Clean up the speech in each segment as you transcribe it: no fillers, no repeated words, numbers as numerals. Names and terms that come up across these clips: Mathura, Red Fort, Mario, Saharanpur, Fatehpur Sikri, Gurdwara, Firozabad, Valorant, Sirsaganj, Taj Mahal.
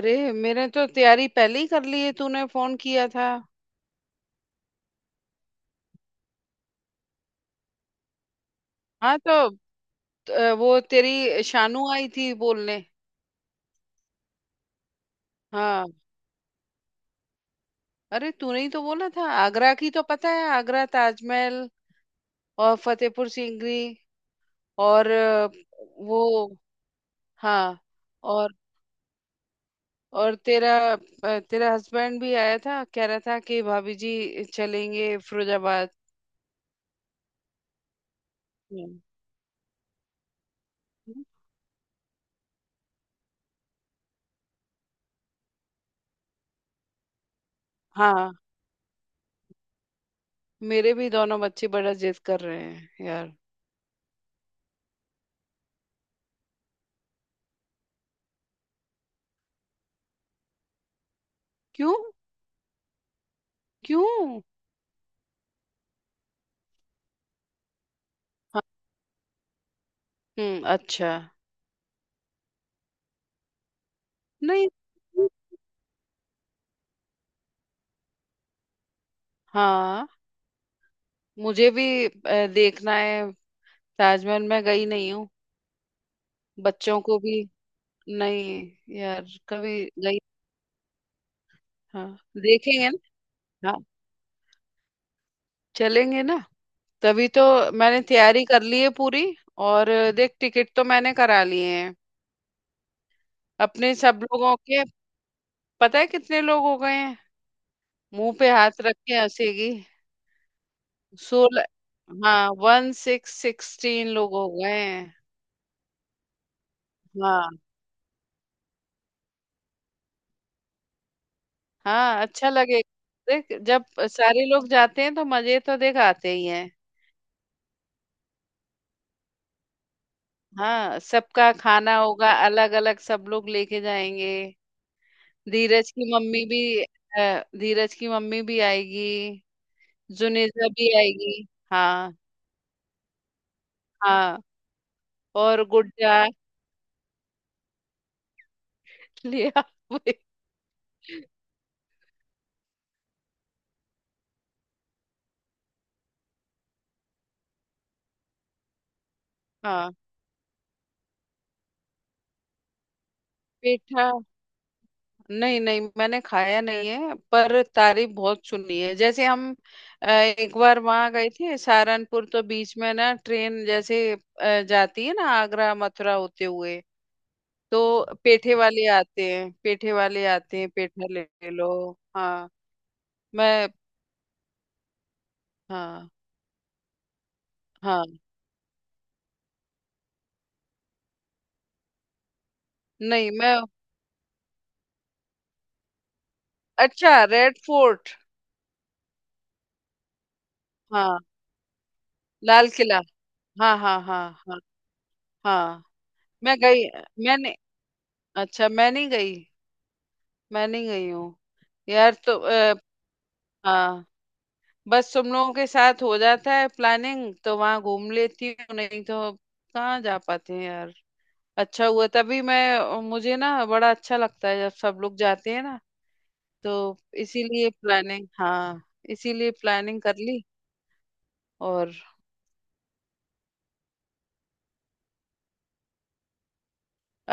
अरे मैंने तो तैयारी पहले ही कर ली है। तूने फोन किया था। हाँ तो वो, तेरी शानू आई थी बोलने। हाँ। अरे तूने ही तो बोला था, आगरा की तो पता है, आगरा ताजमहल और फतेहपुर सीकरी। और वो, हाँ। और और तेरा तेरा हस्बैंड भी आया था, कह रहा था कि भाभी जी चलेंगे फिरोजाबाद। हम्म। हाँ, मेरे भी दोनों बच्चे बड़ा जिद कर रहे हैं यार। क्यों? क्यों? हम्म, अच्छा। नहीं। हाँ, मुझे भी देखना है। ताजमहल मैं गई नहीं हूँ। बच्चों को भी। नहीं यार, कभी गई। हाँ। देखेंगे ना। हाँ। चलेंगे ना। तभी तो। मैंने तैयारी कर ली है पूरी। और देख, टिकट तो मैंने करा लिए हैं, अपने सब लोगों के। पता है कितने लोग हो गए हैं? मुंह पे हाथ रख के हंसेगी। 16। हाँ, वन सिक्स 16 लोग हो गए हैं। हाँ। हाँ, अच्छा लगेगा। देख, जब सारे लोग जाते हैं तो मजे तो देख आते ही हैं। हाँ, सबका खाना होगा अलग अलग, सब लोग लेके जाएंगे। धीरज की मम्मी भी आएगी। जुनेजा भी आएगी। हाँ। हाँ, और गुड्डा लिया। हाँ। पेठा। नहीं नहीं, मैंने खाया नहीं है, पर तारीफ बहुत सुनी है। जैसे हम एक बार वहां गए थे सहारनपुर, तो बीच में ना ट्रेन जैसे जाती है ना आगरा मथुरा होते हुए, तो पेठे वाले आते हैं, पेठे वाले आते हैं, पेठा ले लो। हाँ। मैं। हाँ। हाँ। नहीं। मैं। अच्छा, रेड फोर्ट। हाँ। लाल किला। हाँ हाँ हाँ। हाँ। हाँ। मैं गई। मैंने। अच्छा, मैं नहीं गई। मैं नहीं गई हूँ। यार तो। हाँ। बस तुम लोगों के साथ हो जाता है प्लानिंग, तो वहां घूम लेती हूँ, नहीं तो कहाँ जा पाते हैं यार। अच्छा हुआ, तभी मैं मुझे ना बड़ा अच्छा लगता है जब सब लोग जाते हैं ना। तो इसीलिए प्लानिंग हाँ इसीलिए प्लानिंग कर ली। और।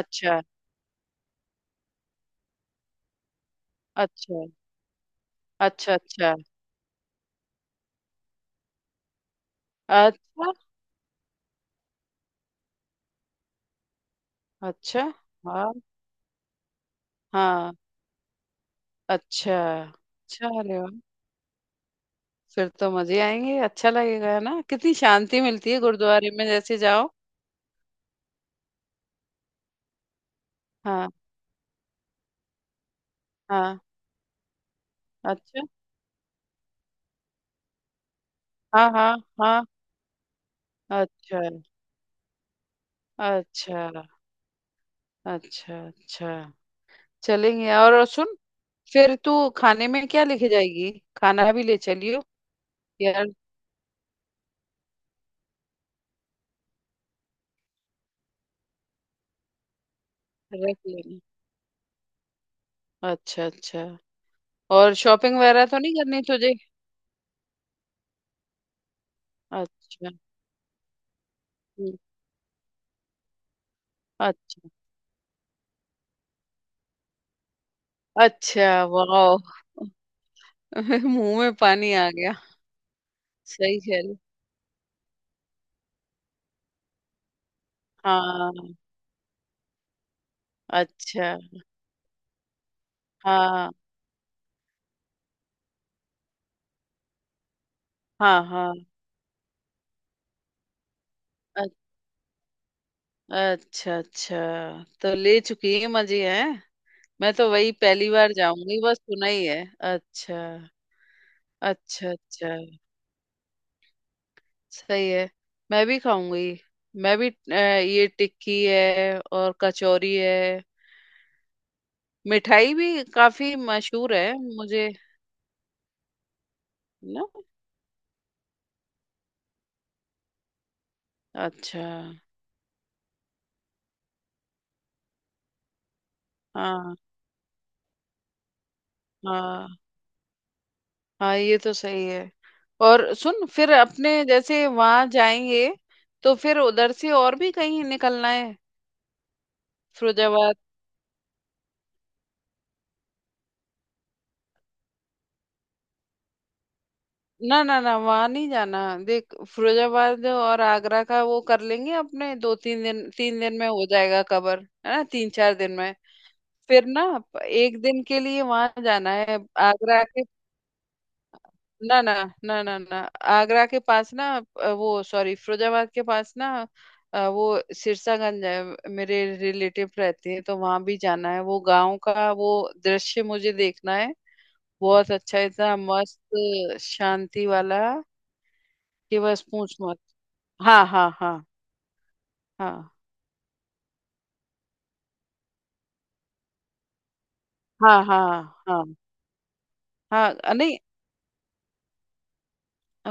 अच्छा, अच्छा, अच्छा, अच्छा, अच्छा, अच्छा। हाँ हाँ। अच्छा अच्छा। अरे वाह, फिर तो मजे आएंगे, अच्छा लगेगा। है ना, कितनी शांति मिलती है गुरुद्वारे में जैसे जाओ। हाँ हाँ। अच्छा। हाँ हाँ हाँ। अच्छा, अच्छा, अच्छा, अच्छा। चलेंगे। और सुन, फिर तू खाने में क्या लेके जाएगी? खाना भी ले चलियो यार। रख लेंगे। अच्छा अच्छा। और शॉपिंग वगैरह तो नहीं करनी तुझे? अच्छा। हम्म। अच्छा अच्छा। वाह। मुंह में पानी आ गया। सही चल। हाँ। अच्छा। हाँ हाँ। हाँ अ- अच्छा अच्छा। तो ले चुकी है मजे हैं। मैं तो वही पहली बार जाऊंगी, बस सुना ही है। अच्छा। अच्छा अच्छा। सही है। मैं भी खाऊंगी। मैं भी ये टिक्की है और कचौरी है। मिठाई भी काफी मशहूर है। मुझे। ना। अच्छा। हाँ। हाँ। हाँ, ये तो सही है। और सुन, फिर अपने जैसे वहां जाएंगे, तो फिर उधर से और भी कहीं निकलना है। फिरोजाबाद। ना ना ना, वहां नहीं जाना। देख, फिरोजाबाद और आगरा का वो कर लेंगे अपने, दो तीन दिन, 3 दिन में हो जाएगा कवर। है ना, तीन चार दिन में। फिर ना एक दिन के लिए वहां जाना है। आगरा के। ना ना ना ना ना। आगरा के पास ना। वो सॉरी, फिरोजाबाद के पास ना। वो, सिरसागंज है। मेरे रिलेटिव रहते हैं, तो वहां भी जाना है। वो गांव का वो दृश्य मुझे देखना है। बहुत अच्छा, इतना मस्त, शांति वाला कि बस पूछ मत। हाँ हाँ हाँ। हाँ हाँ हाँ। हाँ हाँ। नहीं,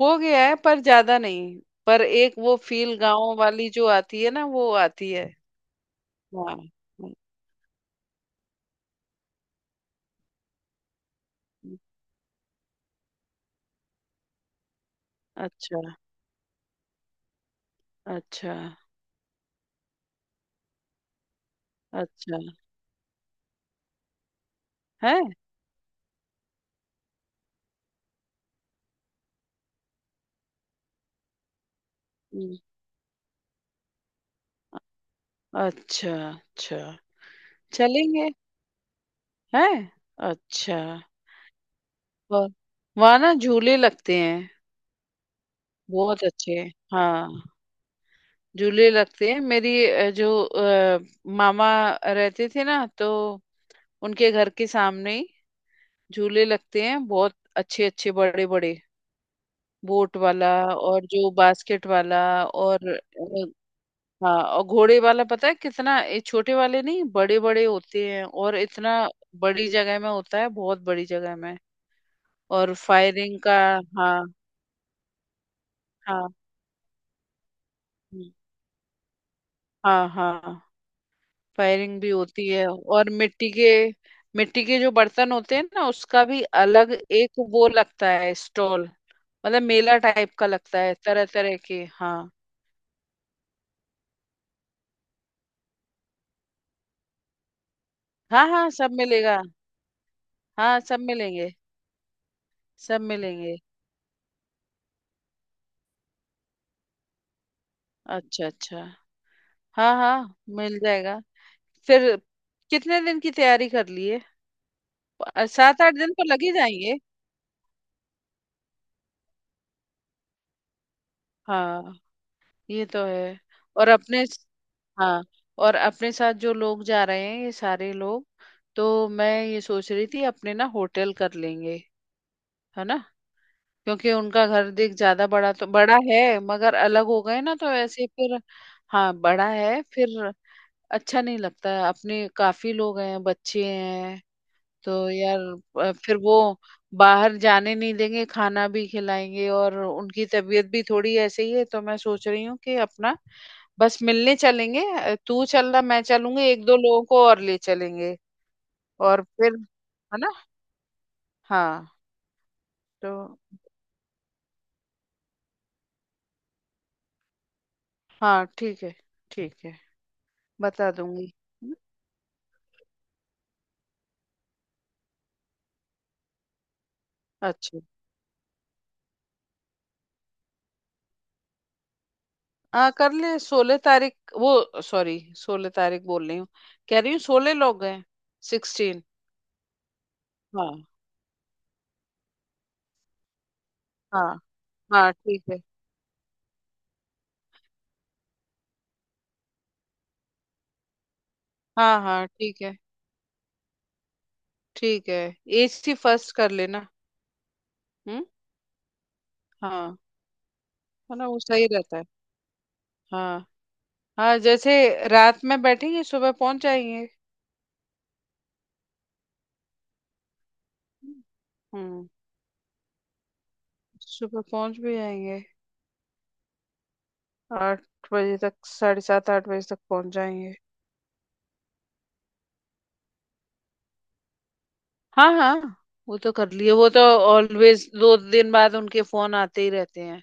हो गया है पर ज्यादा नहीं। पर एक वो फील गांव वाली जो आती है ना, वो आती है। हाँ। हम्म। हम्म, अच्छा अच्छा। अच्छा, है। हम्म। अच्छा अच्छा। चलेंगे। हैं। अच्छा। वह- वहाँ ना झूले लगते हैं। बहुत अच्छे। हाँ। झूले लगते हैं, मेरी जो मामा रहते थे ना, तो उनके घर के सामने ही झूले लगते हैं, बहुत अच्छे अच्छे बड़े बड़े। बोट वाला, और जो बास्केट वाला, और हाँ, और घोड़े वाला। पता है कितना, ये छोटे वाले नहीं बड़े बड़े होते हैं, और इतना बड़ी जगह में होता है, बहुत बड़ी जगह में। और फायरिंग का। हाँ हाँ। हम्म। हाँ हाँ। फायरिंग भी होती है, और मिट्टी के जो बर्तन होते हैं ना, उसका भी अलग एक वो लगता है स्टॉल। मतलब मेला टाइप का लगता है, तरह तरह के। हाँ। हाँ हाँ, सब मिलेगा। हाँ, सब मिलेंगे। सब मिलेंगे। अच्छा अच्छा। हाँ हाँ, मिल जाएगा। फिर। कितने दिन की तैयारी कर लिए? 7 8 दिन तो लग ही जाएंगे। हाँ, ये तो है। और अपने। हाँ, और अपने साथ जो लोग जा रहे हैं, ये सारे लोग, तो मैं ये सोच रही थी अपने ना होटल कर लेंगे। है ना। क्योंकि उनका घर देख ज्यादा, बड़ा तो बड़ा है मगर अलग हो गए ना, तो ऐसे फिर। हाँ, बड़ा है फिर। अच्छा नहीं लगता है, अपने काफी लोग हैं, बच्चे हैं। तो यार, फिर वो बाहर जाने नहीं देंगे, खाना भी खिलाएंगे, और उनकी तबीयत भी थोड़ी ऐसे ही है, तो मैं सोच रही हूँ कि अपना बस मिलने चलेंगे। तू चल रहा, मैं चलूंगी एक दो लोगों को और ले चलेंगे, और फिर। है ना। हाँ तो। हाँ ठीक है, ठीक है, बता दूंगी। है ना? अच्छा। हाँ कर ले, 16 तारीख, वो सॉरी, 16 तारीख बोल रही हूँ। कह रही हूँ 16 लोग हैं। 16। हाँ। हाँ। हाँ ठीक है। हाँ हाँ ठीक है। ठीक है। एसी फर्स्ट कर लेना। हम्म। हाँ। है ना, वो सही रहता है। हाँ। हाँ जैसे, रात में बैठेंगे सुबह पहुंच जाएंगे। हम्म। सुबह पहुंच भी जाएंगे। 8 बजे तक, साढ़े सात आठ बजे तक पहुंच जाएंगे। हाँ हाँ। वो तो कर लिए, वो तो ऑलवेज 2 दिन बाद उनके फोन आते ही रहते हैं।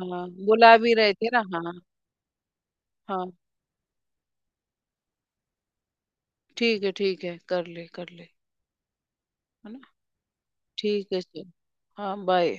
हाँ, बुला भी रहे थे ना। हाँ। हाँ ठीक है, ठीक है, कर ले कर ले। है ना। ठीक है चल। हाँ बाय।